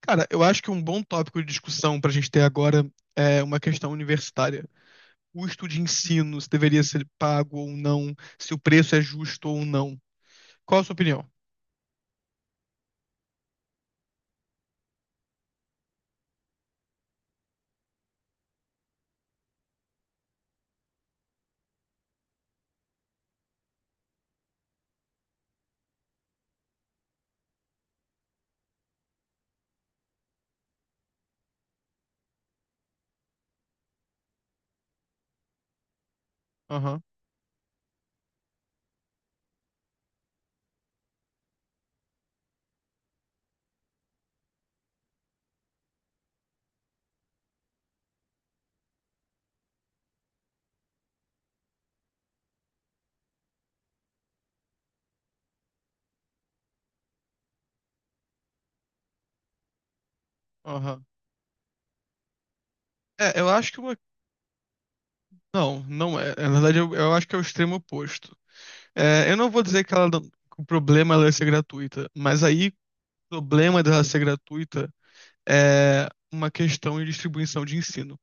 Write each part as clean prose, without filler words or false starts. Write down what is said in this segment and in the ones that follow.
Cara, eu acho que um bom tópico de discussão pra gente ter agora é uma questão universitária. Custo de ensino, se deveria ser pago ou não, se o preço é justo ou não. Qual a sua opinião? Aham. Aham. É, eu acho que uma. Não, não é. Na verdade, eu acho que é o extremo oposto. É, eu não vou dizer que ela não- que o problema é ela ser gratuita, mas aí o problema dela ser gratuita é uma questão de distribuição de ensino.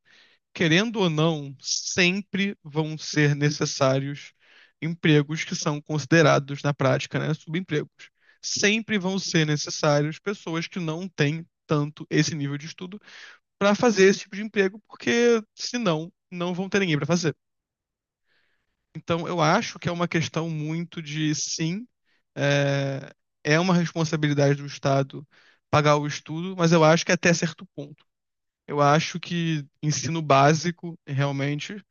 Querendo ou não, sempre vão ser necessários empregos que são considerados, na prática, né, subempregos. Sempre vão ser necessários pessoas que não têm tanto esse nível de estudo para fazer esse tipo de emprego, porque senão não vão ter ninguém para fazer. Então, eu acho que é uma questão muito de sim, é, é uma responsabilidade do Estado pagar o estudo, mas eu acho que até certo ponto. Eu acho que ensino básico, realmente,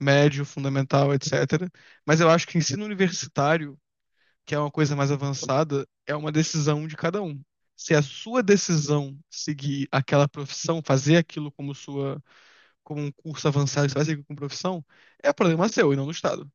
médio, fundamental, etc. Mas eu acho que ensino universitário, que é uma coisa mais avançada, é uma decisão de cada um. Se a sua decisão seguir aquela profissão, fazer aquilo como sua, como um curso avançado, você vai seguir como profissão, é problema seu e não do Estado.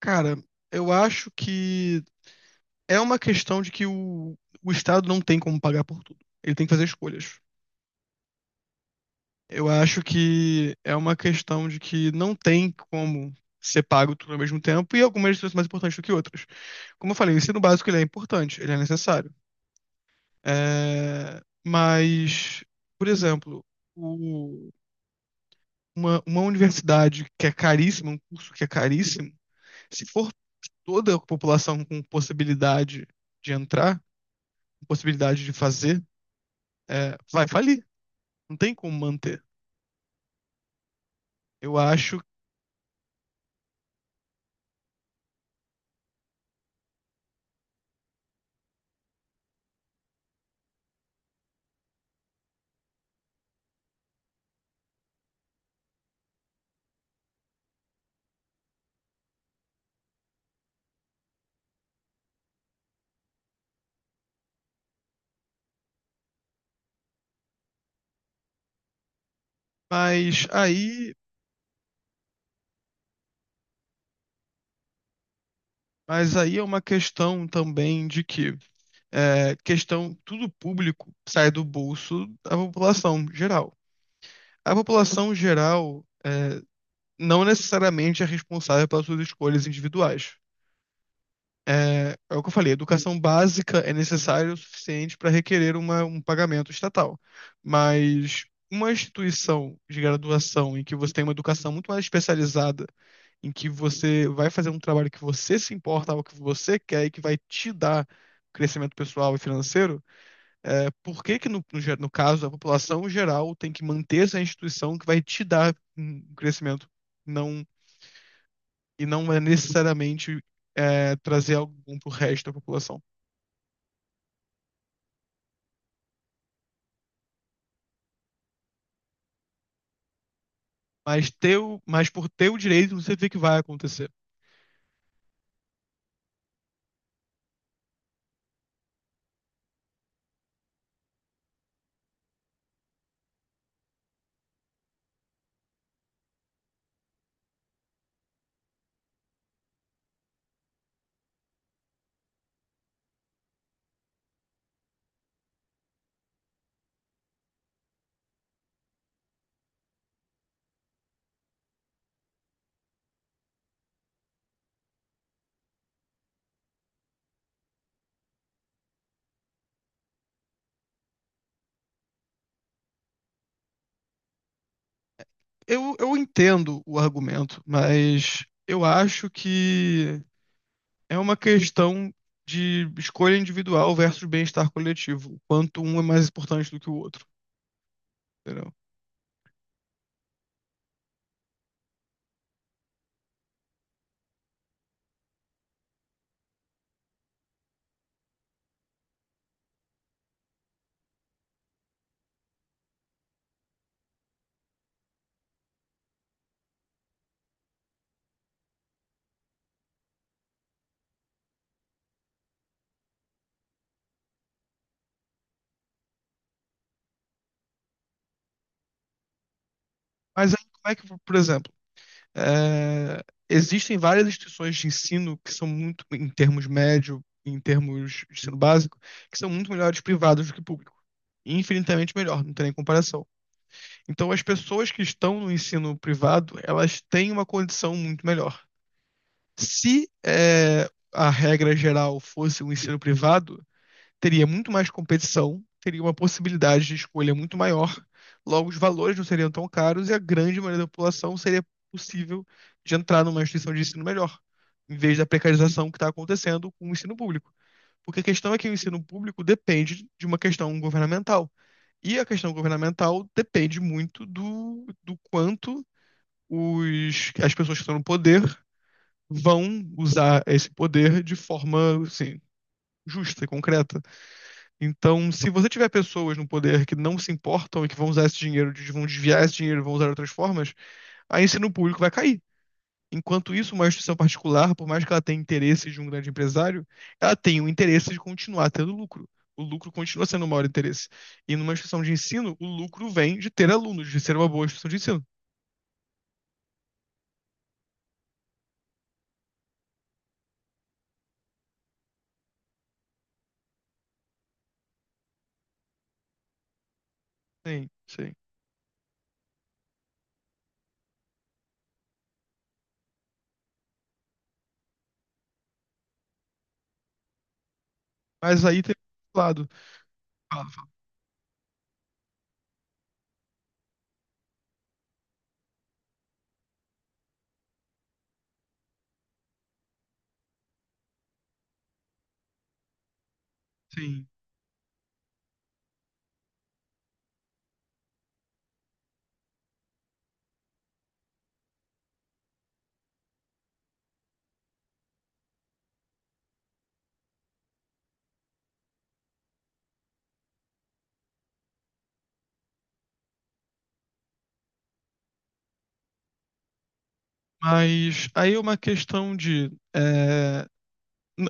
Cara, eu acho que é uma questão de que o Estado não tem como pagar por tudo. Ele tem que fazer escolhas. Eu acho que é uma questão de que não tem como ser pago tudo ao mesmo tempo e algumas lições são mais importantes do que outras. Como eu falei, o ensino básico ele é importante, ele é necessário. Mas, por exemplo, o- uma universidade que é caríssima, um curso que é caríssimo, se for toda a população com possibilidade de entrar, com possibilidade de fazer, vai falir. Não tem como manter. Eu acho, mas aí Mas aí é uma questão também de que tudo público sai do bolso da população geral. A população geral não necessariamente é responsável pelas suas escolhas individuais. É é o que eu falei, educação básica é necessária o suficiente para requerer um pagamento estatal. Mas uma instituição de graduação em que você tem uma educação muito mais especializada em que você vai fazer um trabalho que você se importa, algo que você quer e que vai te dar crescimento pessoal e financeiro, é, por que que no caso a população geral tem que manter essa instituição que vai te dar um crescimento não, e não é necessariamente trazer algum pro resto da população? Mas por teu direito não significa que vai acontecer. Eu entendo o argumento, mas eu acho que é uma questão de escolha individual versus bem-estar coletivo. O Quanto um é mais importante do que o outro, entendeu? Mas aí, como é que, por exemplo, é, existem várias instituições de ensino que são muito, em termos médio, em termos de ensino básico, que são muito melhores privados do que público. Infinitamente melhor, não tem nem comparação. Então, as pessoas que estão no ensino privado, elas têm uma condição muito melhor. Se a regra geral fosse o ensino privado, teria muito mais competição, teria uma possibilidade de escolha muito maior, logo os valores não seriam tão caros e a grande maioria da população seria possível de entrar numa instituição de ensino melhor, em vez da precarização que está acontecendo com o ensino público. Porque a questão é que o ensino público depende de uma questão governamental. E a questão governamental depende muito do quanto as pessoas que estão no poder vão usar esse poder de forma, assim, justa e concreta. Então, se você tiver pessoas no poder que não se importam e que vão usar esse dinheiro, vão desviar esse dinheiro, vão usar de outras formas, aí o ensino público vai cair. Enquanto isso, uma instituição particular, por mais que ela tenha interesses de um grande empresário, ela tem o interesse de continuar tendo lucro. O lucro continua sendo o maior interesse. E numa instituição de ensino, o lucro vem de ter alunos, de ser uma boa instituição de ensino. Sim, sim. Mas aí tem outro lado. Fala, fala. Sim. Mas aí é uma questão de.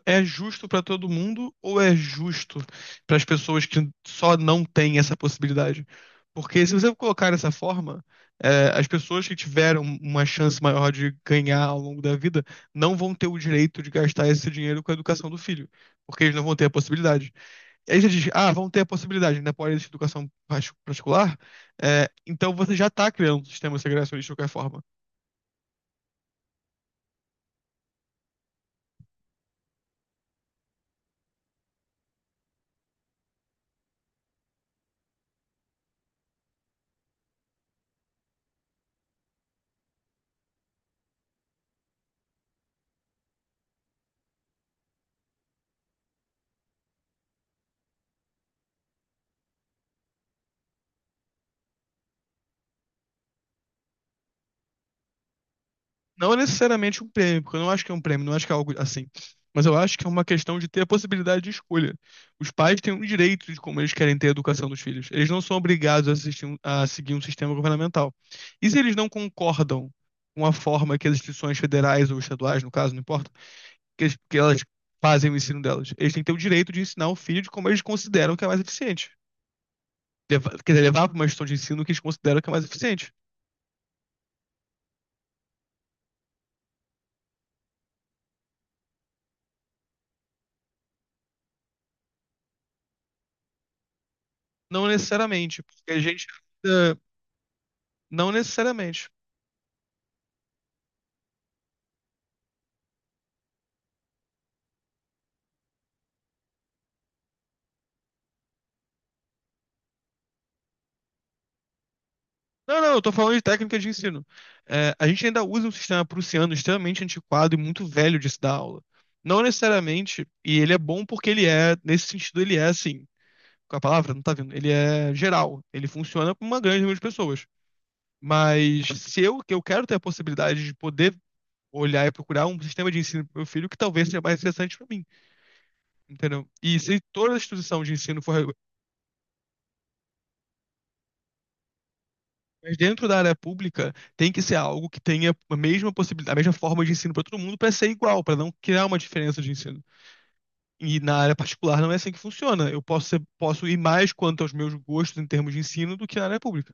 É justo para todo mundo ou é justo para as pessoas que só não têm essa possibilidade? Porque se você colocar dessa forma, as pessoas que tiveram uma chance maior de ganhar ao longo da vida não vão ter o direito de gastar esse dinheiro com a educação do filho, porque eles não vão ter a possibilidade. E aí você diz, ah, vão ter a possibilidade, ainda pode existir educação particular. É, então você já está criando um sistema segregacionista de qualquer forma. Não é necessariamente um prêmio, porque eu não acho que é um prêmio, não acho que é algo assim. Mas eu acho que é uma questão de ter a possibilidade de escolha. Os pais têm o direito de como eles querem ter a educação dos filhos. Eles não são obrigados a, a seguir um sistema governamental. E se eles não concordam com a forma que as instituições federais ou estaduais, no caso, não importa, que, que elas fazem o ensino delas, eles têm que ter o direito de ensinar o filho de como eles consideram que é mais eficiente. Leva, quer dizer, levar para uma instituição de ensino que eles consideram que é mais eficiente. Não necessariamente, porque a gente. eh, Não necessariamente. Não, não, eu tô falando de técnica de ensino. É, a gente ainda usa um sistema prussiano extremamente antiquado e muito velho de se dar aula. Não necessariamente, e ele é bom porque ele é, nesse sentido, ele é assim, com a palavra, não tá vendo? Ele é geral, ele funciona com uma grande número de pessoas. Mas se eu, que eu quero ter a possibilidade de poder olhar e procurar um sistema de ensino pro meu filho que talvez seja mais interessante para mim, entendeu? E se toda a instituição de ensino for. Mas dentro da área pública tem que ser algo que tenha a mesma possibilidade, a mesma forma de ensino para todo mundo, para ser igual, para não criar uma diferença de ensino. E na área particular não é assim que funciona. Posso ir mais quanto aos meus gostos em termos de ensino do que na área pública.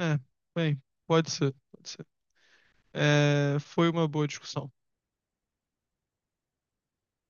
É, bem, pode ser, pode ser. É, foi uma boa discussão.